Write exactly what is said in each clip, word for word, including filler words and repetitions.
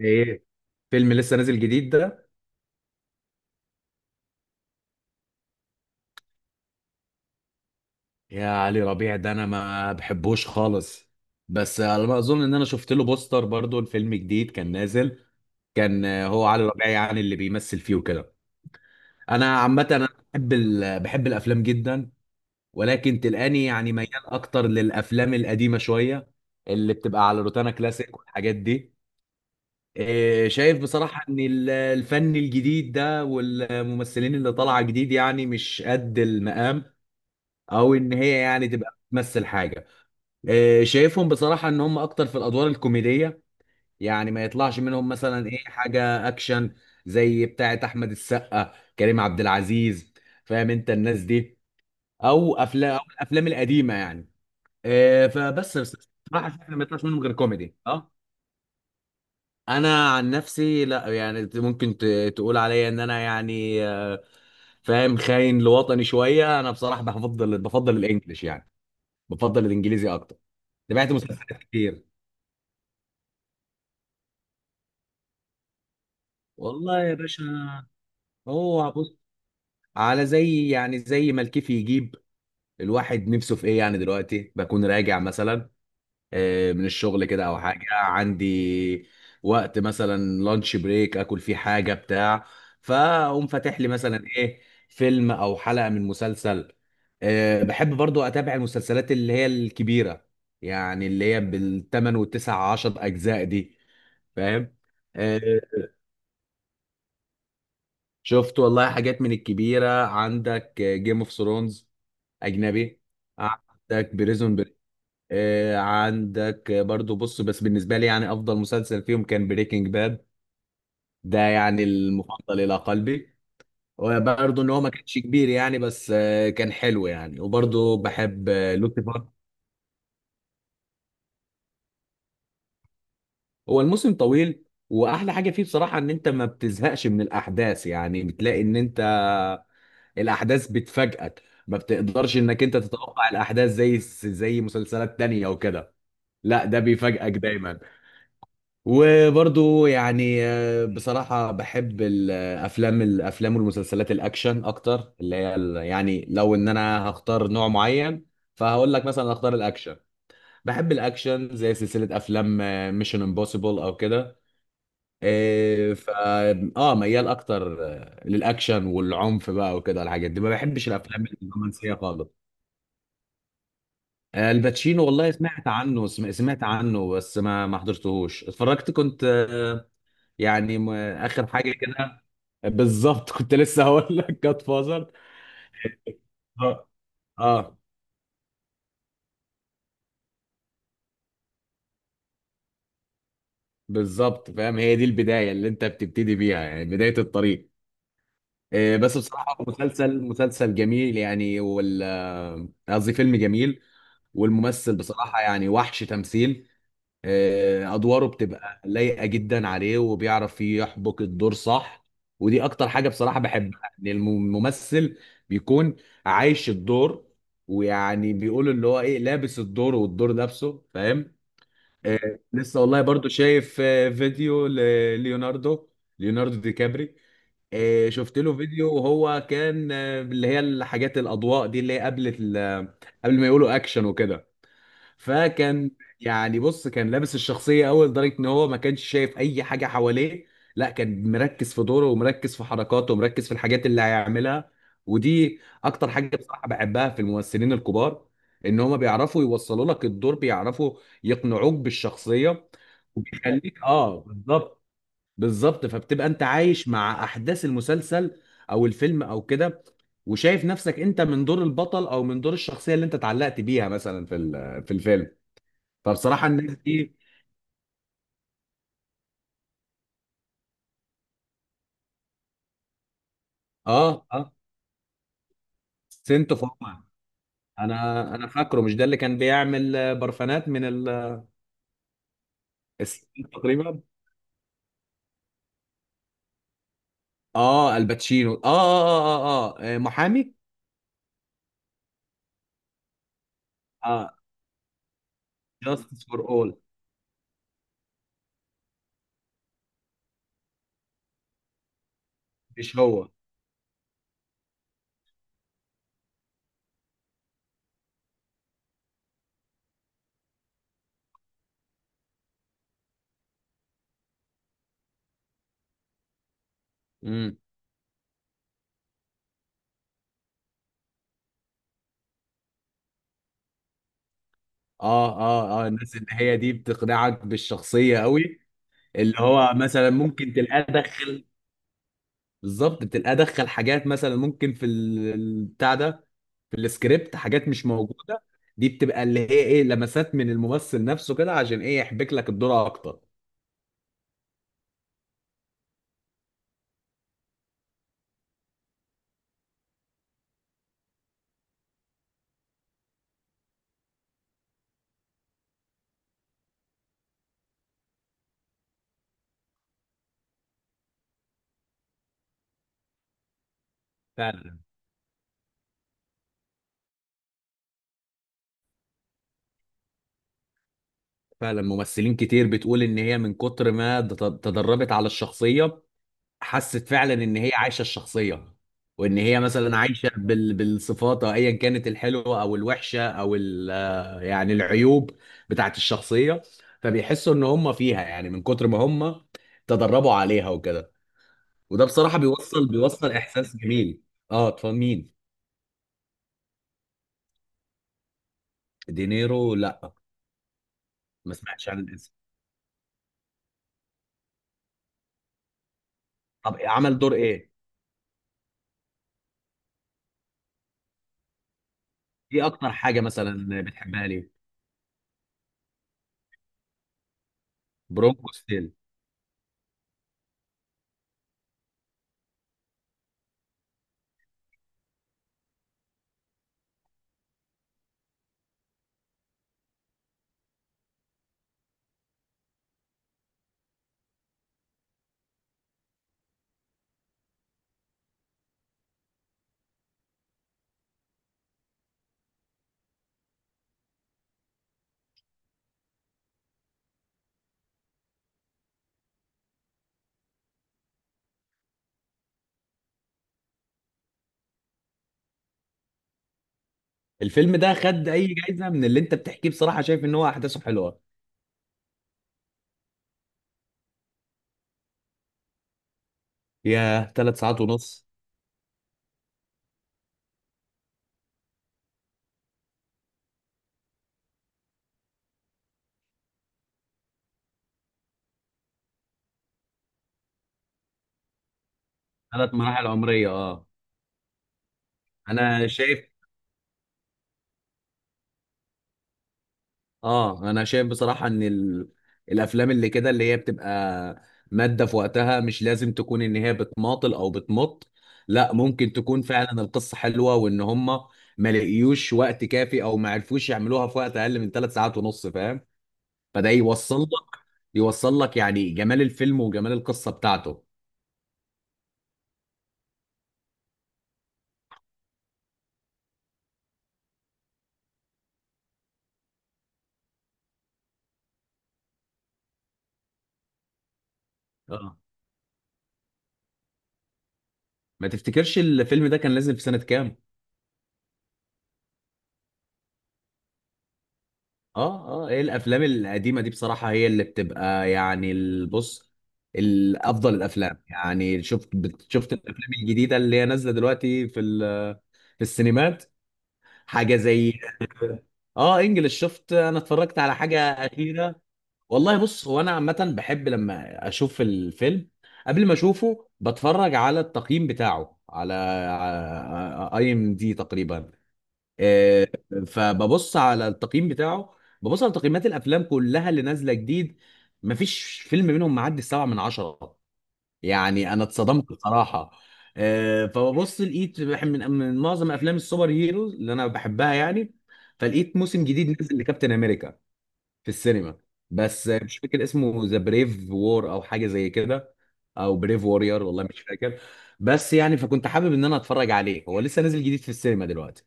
ايه. فيلم لسه نازل جديد ده؟ يا علي ربيع ده انا ما بحبوش خالص. بس على ما اظن ان انا شفت له بوستر برضو، الفيلم جديد كان نازل. كان آه، هو علي ربيع يعني اللي بيمثل فيه وكده. انا عامه انا بحب ال... بحب الافلام جدا، ولكن تلقاني يعني ميال اكتر للافلام القديمه شويه اللي بتبقى على روتانا كلاسيك والحاجات دي. آه، شايف بصراحه ان ال- الفن الجديد ده والممثلين اللي طالعه جديد يعني مش قد المقام، او ان هي يعني تبقى بتمثل حاجه. آه، شايفهم بصراحه ان هم اكتر في الادوار الكوميديه، يعني ما يطلعش منهم مثلا ايه حاجه اكشن زي بتاعه احمد السقا، كريم عبد العزيز. فاهم انت الناس دي؟ او افلام او الافلام القديمه يعني. آه، فبس بس- بصراحه شايف إن ما يطلعش منهم غير كوميدي. اه. انا عن نفسي لا، يعني ت- ممكن ت- تقول عليا ان انا يعني، آه، فاهم، خاين لوطني شويه. انا بصراحه بفضل بفضل الانجليش يعني، بفضل الانجليزي اكتر. تابعت مسلسلات كتير. والله يا باشا، هو بص، على زي يعني زي ما الكيف يجيب، الواحد نفسه في ايه. يعني دلوقتي بكون راجع مثلا آه، من الشغل كده، او حاجه عندي وقت مثلا لانش بريك، اكل فيه حاجه بتاع، فاقوم فاتح لي مثلا ايه فيلم او حلقه من مسلسل. آه، بحب برضو اتابع المسلسلات اللي هي الكبيره، يعني اللي هي بالتمانية والتسعتاشر اجزاء دي. فاهم. آه، شفت والله حاجات من الكبيرة، عندك جيم اوف ثرونز، أجنبي، عندك بريزون بريك، عندك برضو بص، بس بالنسبة لي يعني أفضل مسلسل فيهم كان بريكنج باد. ده يعني المفضل إلى قلبي. وبرضو إن هو ما كانش كبير يعني، بس آه، كان حلو يعني. وبرضو بحب لوسيفر. هو الموسم طويل، وأحلى حاجة فيه بصراحة إن أنت ما بتزهقش من الأحداث، يعني بتلاقي إن أنت الاحداث بتفاجئك، ما بتقدرش انك انت تتوقع الاحداث زي زي مسلسلات تانية او كده. لا ده بيفاجئك دايما. وبرضو يعني، آه، بصراحة بحب الافلام الافلام والمسلسلات الاكشن اكتر، اللي هي ال- يعني لو ان انا هختار نوع معين فهقول لك مثلا اختار الاكشن. بحب الاكشن زي سلسلة افلام ميشن امبوسيبل او كده. إيه، فا اه، ميال اكتر آه، للاكشن والعنف بقى وكده الحاجات دي. ما بحبش الافلام الرومانسيه خالص. آه، الباتشينو، والله سمعت عنه، سم- سمعت عنه، بس ما ما حضرتهوش، اتفرجت كنت آه، يعني م- اخر حاجه كده. بالظبط كنت لسه هقول لك جاد فازر. اه. آه، بالظبط، فاهم، هي دي البدايه اللي انت بتبتدي بيها يعني، بدايه الطريق. آه، بس بصراحه مسلسل مسلسل جميل يعني، وال آه، قصدي فيلم جميل. والممثل بصراحه يعني وحش تمثيل. آه، ادواره بتبقى لايقه جدا عليه، وبيعرف يحبك الدور صح. ودي اكتر حاجه بصراحه بحبها، ان الم- الممثل بيكون عايش الدور، ويعني بيقول اللي هو ايه، لابس الدور والدور نفسه، فاهم. آه. لسه والله برضو شايف آه، فيديو لليوناردو، ليوناردو دي كابري. آه شفت له فيديو وهو كان آه، اللي هي الحاجات الاضواء دي، اللي هي قبل ال- قبل ما يقولوا اكشن وكده. فكان يعني بص كان لابس الشخصية أوي، لدرجة إن هو ما كانش شايف أي حاجة حواليه. لا كان مركز في دوره، ومركز في حركاته، ومركز في الحاجات اللي هيعملها. ودي أكتر حاجة بصراحة بحبها في الممثلين الكبار، إن هما بيعرفوا يوصلوا لك الدور، بيعرفوا يقنعوك بالشخصية، وبيخليك آه، بالظبط. بالظبط. فبتبقى أنت عايش مع أحداث المسلسل أو الفيلم أو كده، وشايف نفسك أنت من دور البطل، أو من دور الشخصية اللي أنت اتعلقت بيها مثلا في ال- في الفيلم. فبصراحه الناس دي. اه اه. سنتو فورما. انا انا فاكره مش ده اللي كان بيعمل آه، برفانات من ال- الستين تقريبا. اه الباتشينو، اه اه اه اه، آه. آه، محامي. اه. جاستس فور اول. مش هو. امم. اه اه اه. الناس اللي هي دي بتقنعك بالشخصيه قوي. اللي هو مثلا ممكن تلاقيه دخل، بالظبط، بتبقى ادخل حاجات مثلا ممكن في ال- البتاع ده، في السكريبت، حاجات مش موجوده. دي بتبقى اللي هي ايه، لمسات من الممثل نفسه كده، عشان ايه يحبك لك الدور اكتر. فعلا. فعلا، ممثلين كتير بتقول ان هي من كتر ما تد- تدربت على الشخصيه، حست فعلا ان هي عايشه الشخصيه، وان هي مثلا عايشه بال... بالصفات، أو ايا كانت، الحلوه او الوحشه او ال... آه، يعني العيوب بتاعت الشخصيه. فبيحسوا ان هم فيها يعني، من كتر ما هم تدربوا عليها وكده. وده بصراحه بيوصل بيوصل احساس جميل. اه طب مين؟ دينيرو، لا، ما سمعتش عن الاسم. طب عمل دور ايه؟ ايه اكتر حاجه مثلا بتحبها ليه؟ برونكو ستيل. الفيلم ده خد اي جايزه؟ من اللي انت بتحكيه بصراحه شايف ان هو احداثه حلوه. يا ثلاث ساعات ونص! ثلاث مراحل عمرية، اه. انا شايف، اه انا شايف بصراحة ان ال... الافلام اللي كده اللي هي بتبقى مادة في وقتها، مش لازم تكون ان هي بتماطل او بتمط، لا، ممكن تكون فعلا القصة حلوة، وان هم ما لقيوش وقت كافي او ما عرفوش يعملوها في وقت اقل من ثلاث ساعات ونص، فاهم. فده يوصل لك، يوصل لك يعني جمال الفيلم وجمال القصة بتاعته. اه. ما تفتكرش الفيلم ده كان نازل في سنة كام؟ اه اه، ايه الافلام القديمه دي بصراحه هي اللي بتبقى يعني البص الافضل الافلام، يعني شفت بت- شفت الافلام الجديده اللي هي نازله دلوقتي في ال- في السينمات؟ حاجه زي، اه انجلش؟ شفت، انا اتفرجت على حاجه اخيره. والله بص، هو انا عامه بحب لما اشوف الفيلم، قبل ما اشوفه بتفرج على التقييم بتاعه على اي ام دي تقريبا. آه، فببص على التقييم بتاعه، ببص على تقييمات الافلام كلها اللي نازله جديد، مفيش فيلم منهم معدي السبعه من عشره. يعني انا اتصدمت بصراحه. آه، فببص لقيت بح- من من معظم افلام السوبر هيروز اللي انا بحبها يعني، فلقيت موسم جديد نزل لكابتن امريكا في السينما، بس آه، مش فاكر اسمه، ذا بريف وور او حاجه زي كده، او بريف وورير، والله مش فاكر. بس يعني فكنت حابب ان انا اتفرج عليه، هو لسه نازل جديد في السينما دلوقتي.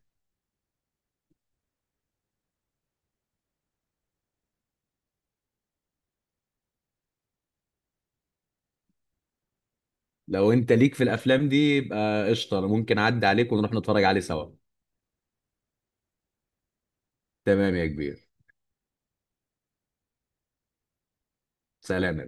لو انت ليك في الافلام دي يبقى قشطه، أنا ممكن اعدي عليك ونروح نتفرج عليه سوا. تمام يا كبير. سلام يا